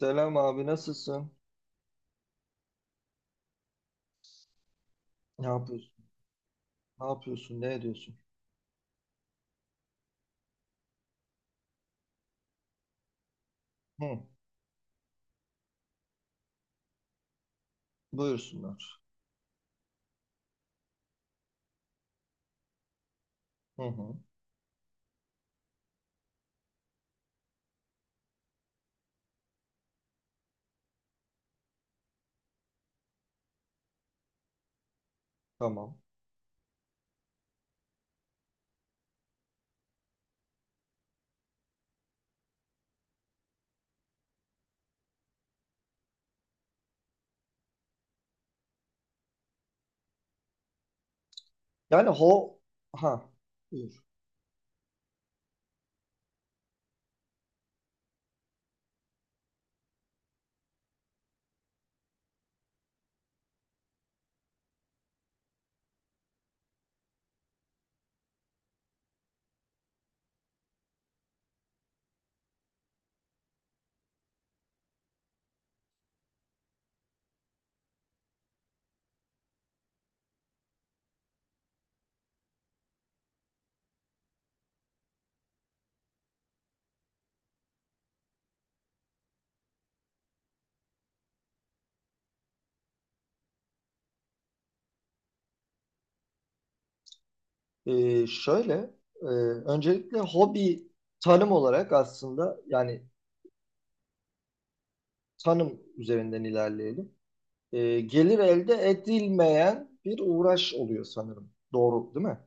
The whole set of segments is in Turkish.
Selam abi, nasılsın? Ne yapıyorsun? Ne? Ne ediyorsun? Hı, buyursunlar. Hı hı, tamam. Yani ho ha buyur. Ee, şöyle e, Öncelikle hobi, tanım olarak, aslında yani tanım üzerinden ilerleyelim. Gelir elde edilmeyen bir uğraş oluyor sanırım. Doğru değil mi?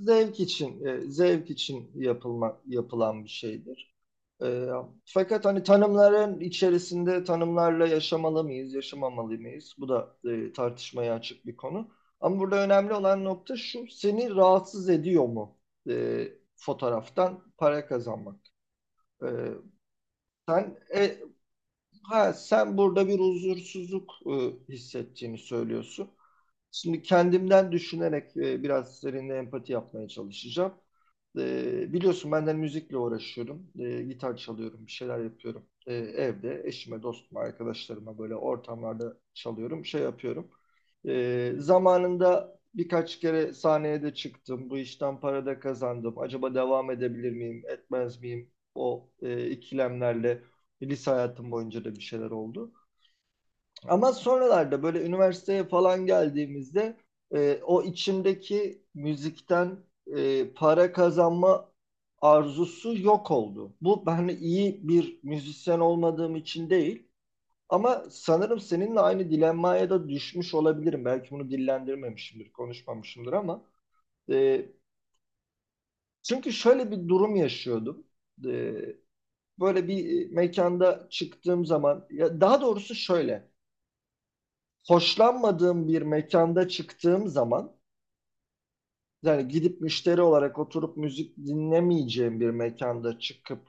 Zevk için, zevk için yapılan bir şeydir. E, Fakat hani tanımların içerisinde tanımlarla yaşamalı mıyız, yaşamamalı mıyız? Bu da tartışmaya açık bir konu. Ama burada önemli olan nokta şu: seni rahatsız ediyor mu e, fotoğraftan para kazanmak? E, sen e, ha, Sen burada bir huzursuzluk hissettiğini söylüyorsun. Şimdi kendimden düşünerek biraz seninle empati yapmaya çalışacağım. Biliyorsun ben de hani müzikle uğraşıyorum. Gitar çalıyorum, bir şeyler yapıyorum. Evde eşime, dostuma, arkadaşlarıma böyle ortamlarda çalıyorum, şey yapıyorum. Zamanında birkaç kere sahneye de çıktım. Bu işten para da kazandım. Acaba devam edebilir miyim, etmez miyim? O ikilemlerle lise hayatım boyunca da bir şeyler oldu. Ama sonralarda böyle üniversiteye falan geldiğimizde o içimdeki müzikten para kazanma arzusu yok oldu. Bu, ben iyi bir müzisyen olmadığım için değil, ama sanırım seninle aynı dilenmaya da düşmüş olabilirim. Belki bunu dillendirmemişimdir, konuşmamışımdır, e, çünkü şöyle bir durum yaşıyordum. E, Böyle bir mekanda çıktığım zaman, ya daha doğrusu şöyle, hoşlanmadığım bir mekanda çıktığım zaman, yani gidip müşteri olarak oturup müzik dinlemeyeceğim bir mekanda çıkıp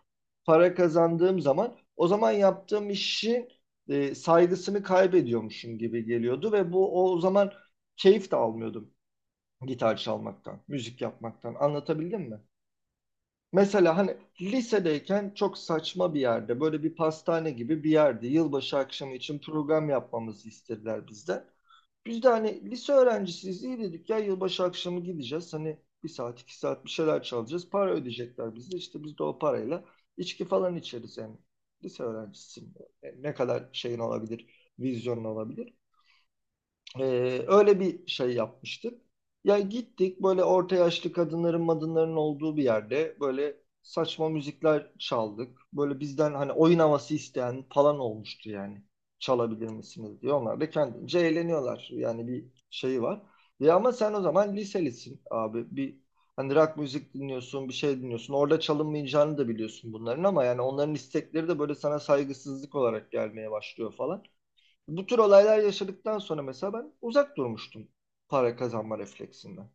para kazandığım zaman, o zaman yaptığım işin saygısını kaybediyormuşum gibi geliyordu ve bu, o zaman keyif de almıyordum gitar çalmaktan, müzik yapmaktan. Anlatabildim mi? Mesela hani lisedeyken çok saçma bir yerde, böyle bir pastane gibi bir yerde, yılbaşı akşamı için program yapmamızı istediler bizden. Biz de hani lise öğrencisiyiz, iyi dedik ya, yılbaşı akşamı gideceğiz. Hani bir saat iki saat bir şeyler çalacağız. Para ödeyecekler bize. İşte biz de o parayla içki falan içeriz yani. Lise öğrencisi ne kadar şeyin olabilir, vizyonun olabilir. Öyle bir şey yapmıştık. Ya gittik böyle orta yaşlı kadınların madınların olduğu bir yerde, böyle saçma müzikler çaldık. Böyle bizden hani oyun havası isteyen falan olmuştu yani. Çalabilir misiniz diye. Onlar da kendince eğleniyorlar. Yani bir şeyi var. Ya ama sen o zaman liselisin abi. Bir hani rock müzik dinliyorsun, bir şey dinliyorsun. Orada çalınmayacağını da biliyorsun bunların, ama yani onların istekleri de böyle sana saygısızlık olarak gelmeye başlıyor falan. Bu tür olaylar yaşadıktan sonra mesela ben uzak durmuştum para kazanma refleksinden.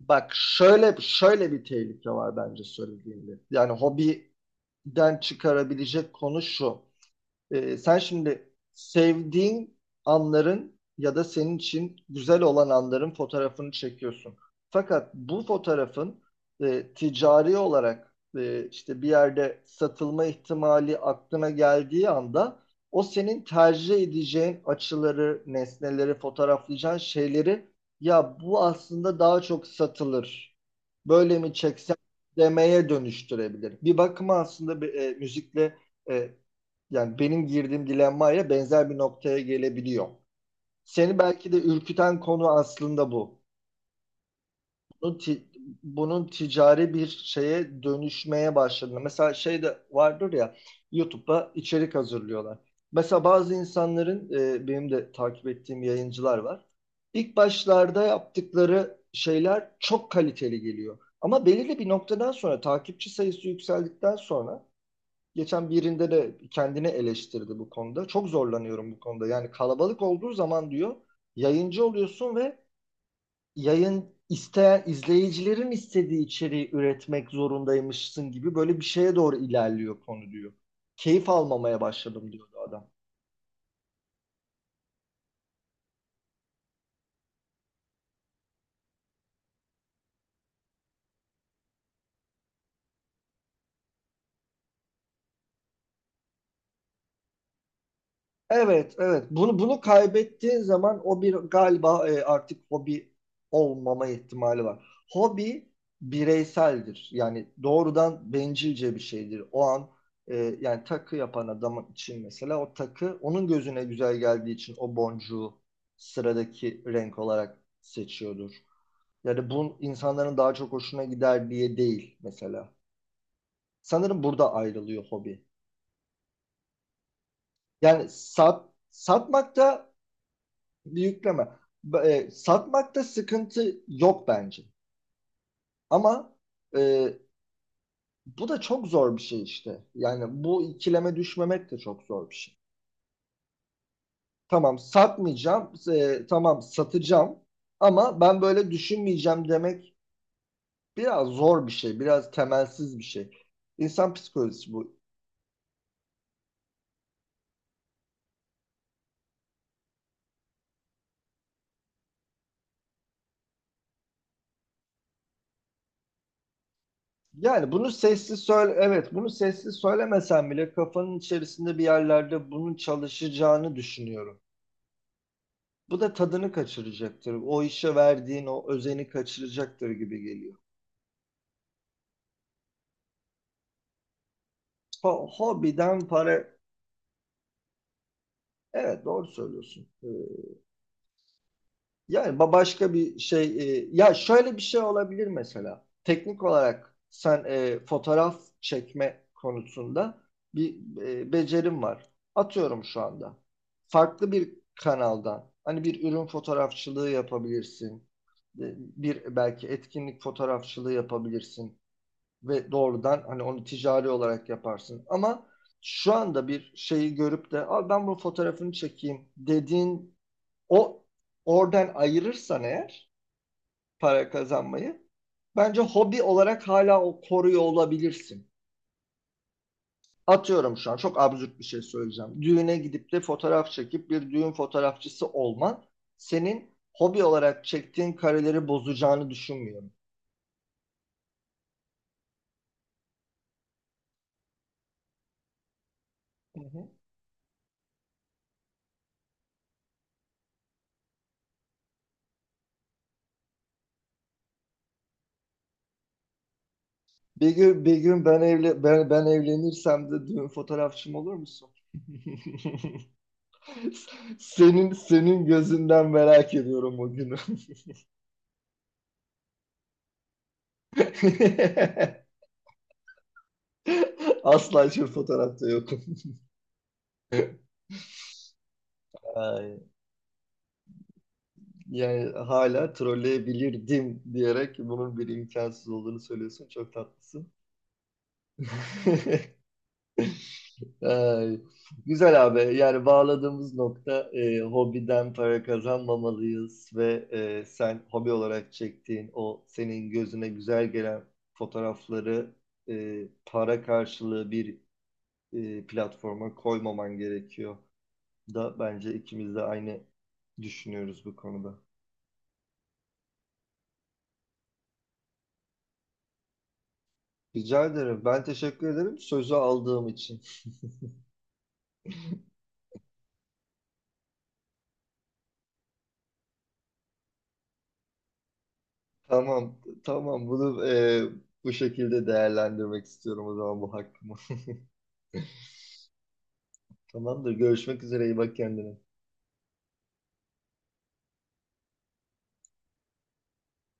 Bak şöyle, bir tehlike var bence söylediğimde. Yani hobiden çıkarabilecek konu şu. Sen şimdi sevdiğin anların ya da senin için güzel olan anların fotoğrafını çekiyorsun. Fakat bu fotoğrafın ticari olarak, işte bir yerde satılma ihtimali aklına geldiği anda, o senin tercih edeceğin açıları, nesneleri, fotoğraflayacağın şeyleri, ya bu aslında daha çok satılır, böyle mi çeksem demeye dönüştürebilir. Bir bakıma aslında müzikle e, yani benim girdiğim dilemmaya benzer bir noktaya gelebiliyor. Seni belki de ürküten konu aslında bu. Bunun, ti- Bunun ticari bir şeye dönüşmeye başladığında. Mesela şey de vardır ya, YouTube'da içerik hazırlıyorlar. Mesela bazı insanların, benim de takip ettiğim yayıncılar var. İlk başlarda yaptıkları şeyler çok kaliteli geliyor. Ama belirli bir noktadan sonra, takipçi sayısı yükseldikten sonra, geçen birinde de kendini eleştirdi bu konuda. Çok zorlanıyorum bu konuda. Yani kalabalık olduğu zaman, diyor, yayıncı oluyorsun ve yayın isteyen izleyicilerin istediği içeriği üretmek zorundaymışsın gibi, böyle bir şeye doğru ilerliyor konu, diyor. Keyif almamaya başladım diyordu adam. Evet, evet. Bunu kaybettiğin zaman, o bir galiba artık hobi olmama ihtimali var. Hobi bireyseldir. Yani doğrudan bencilce bir şeydir. O an e, yani takı yapan adam için mesela, o takı onun gözüne güzel geldiği için o boncuğu sıradaki renk olarak seçiyordur. Yani bu insanların daha çok hoşuna gider diye değil mesela. Sanırım burada ayrılıyor hobi. Yani sat Satmakta bir yükleme. Satmakta sıkıntı yok bence. Ama e, Bu da çok zor bir şey işte. Yani bu ikileme düşmemek de çok zor bir şey. Tamam satmayacağım, tamam satacağım, ama ben böyle düşünmeyeceğim demek biraz zor bir şey, biraz temelsiz bir şey. İnsan psikolojisi bu. Yani bunu sesli söyle, evet, bunu sesli söylemesen bile kafanın içerisinde bir yerlerde bunun çalışacağını düşünüyorum. Bu da tadını kaçıracaktır. O işe verdiğin o özeni kaçıracaktır gibi geliyor. Hobiden para... Evet, doğru söylüyorsun. Başka bir şey... Ya şöyle bir şey olabilir mesela. Teknik olarak sen fotoğraf çekme konusunda bir becerim var. Atıyorum şu anda. Farklı bir kanaldan. Hani bir ürün fotoğrafçılığı yapabilirsin. Bir belki etkinlik fotoğrafçılığı yapabilirsin ve doğrudan hani onu ticari olarak yaparsın. Ama şu anda bir şeyi görüp de al ben bu fotoğrafını çekeyim dediğin o oradan ayırırsan eğer para kazanmayı, bence hobi olarak hala o koruyor olabilirsin. Atıyorum, şu an çok absürt bir şey söyleyeceğim. Düğüne gidip de fotoğraf çekip bir düğün fotoğrafçısı olman, senin hobi olarak çektiğin kareleri bozacağını düşünmüyorum. Hı hı. Bir gün ben evle ben evlenirsem de düğün fotoğrafçım olur musun? Senin gözünden merak ediyorum o günü. Asla hiçbir fotoğrafta yokum. Ay, yani hala trolleyebilirdim diyerek bunun bir imkansız olduğunu söylüyorsun. Çok tatlısın. Ay, güzel abi. Yani bağladığımız nokta, hobiden para kazanmamalıyız ve sen hobi olarak çektiğin o senin gözüne güzel gelen fotoğrafları para karşılığı bir platforma koymaman gerekiyor da, bence ikimiz de aynı düşünüyoruz bu konuda. Rica ederim. Ben teşekkür ederim sözü aldığım için. Tamam, tamam. Bunu bu şekilde değerlendirmek istiyorum o zaman, bu hakkımı. Tamamdır. Görüşmek üzere. İyi bak kendine.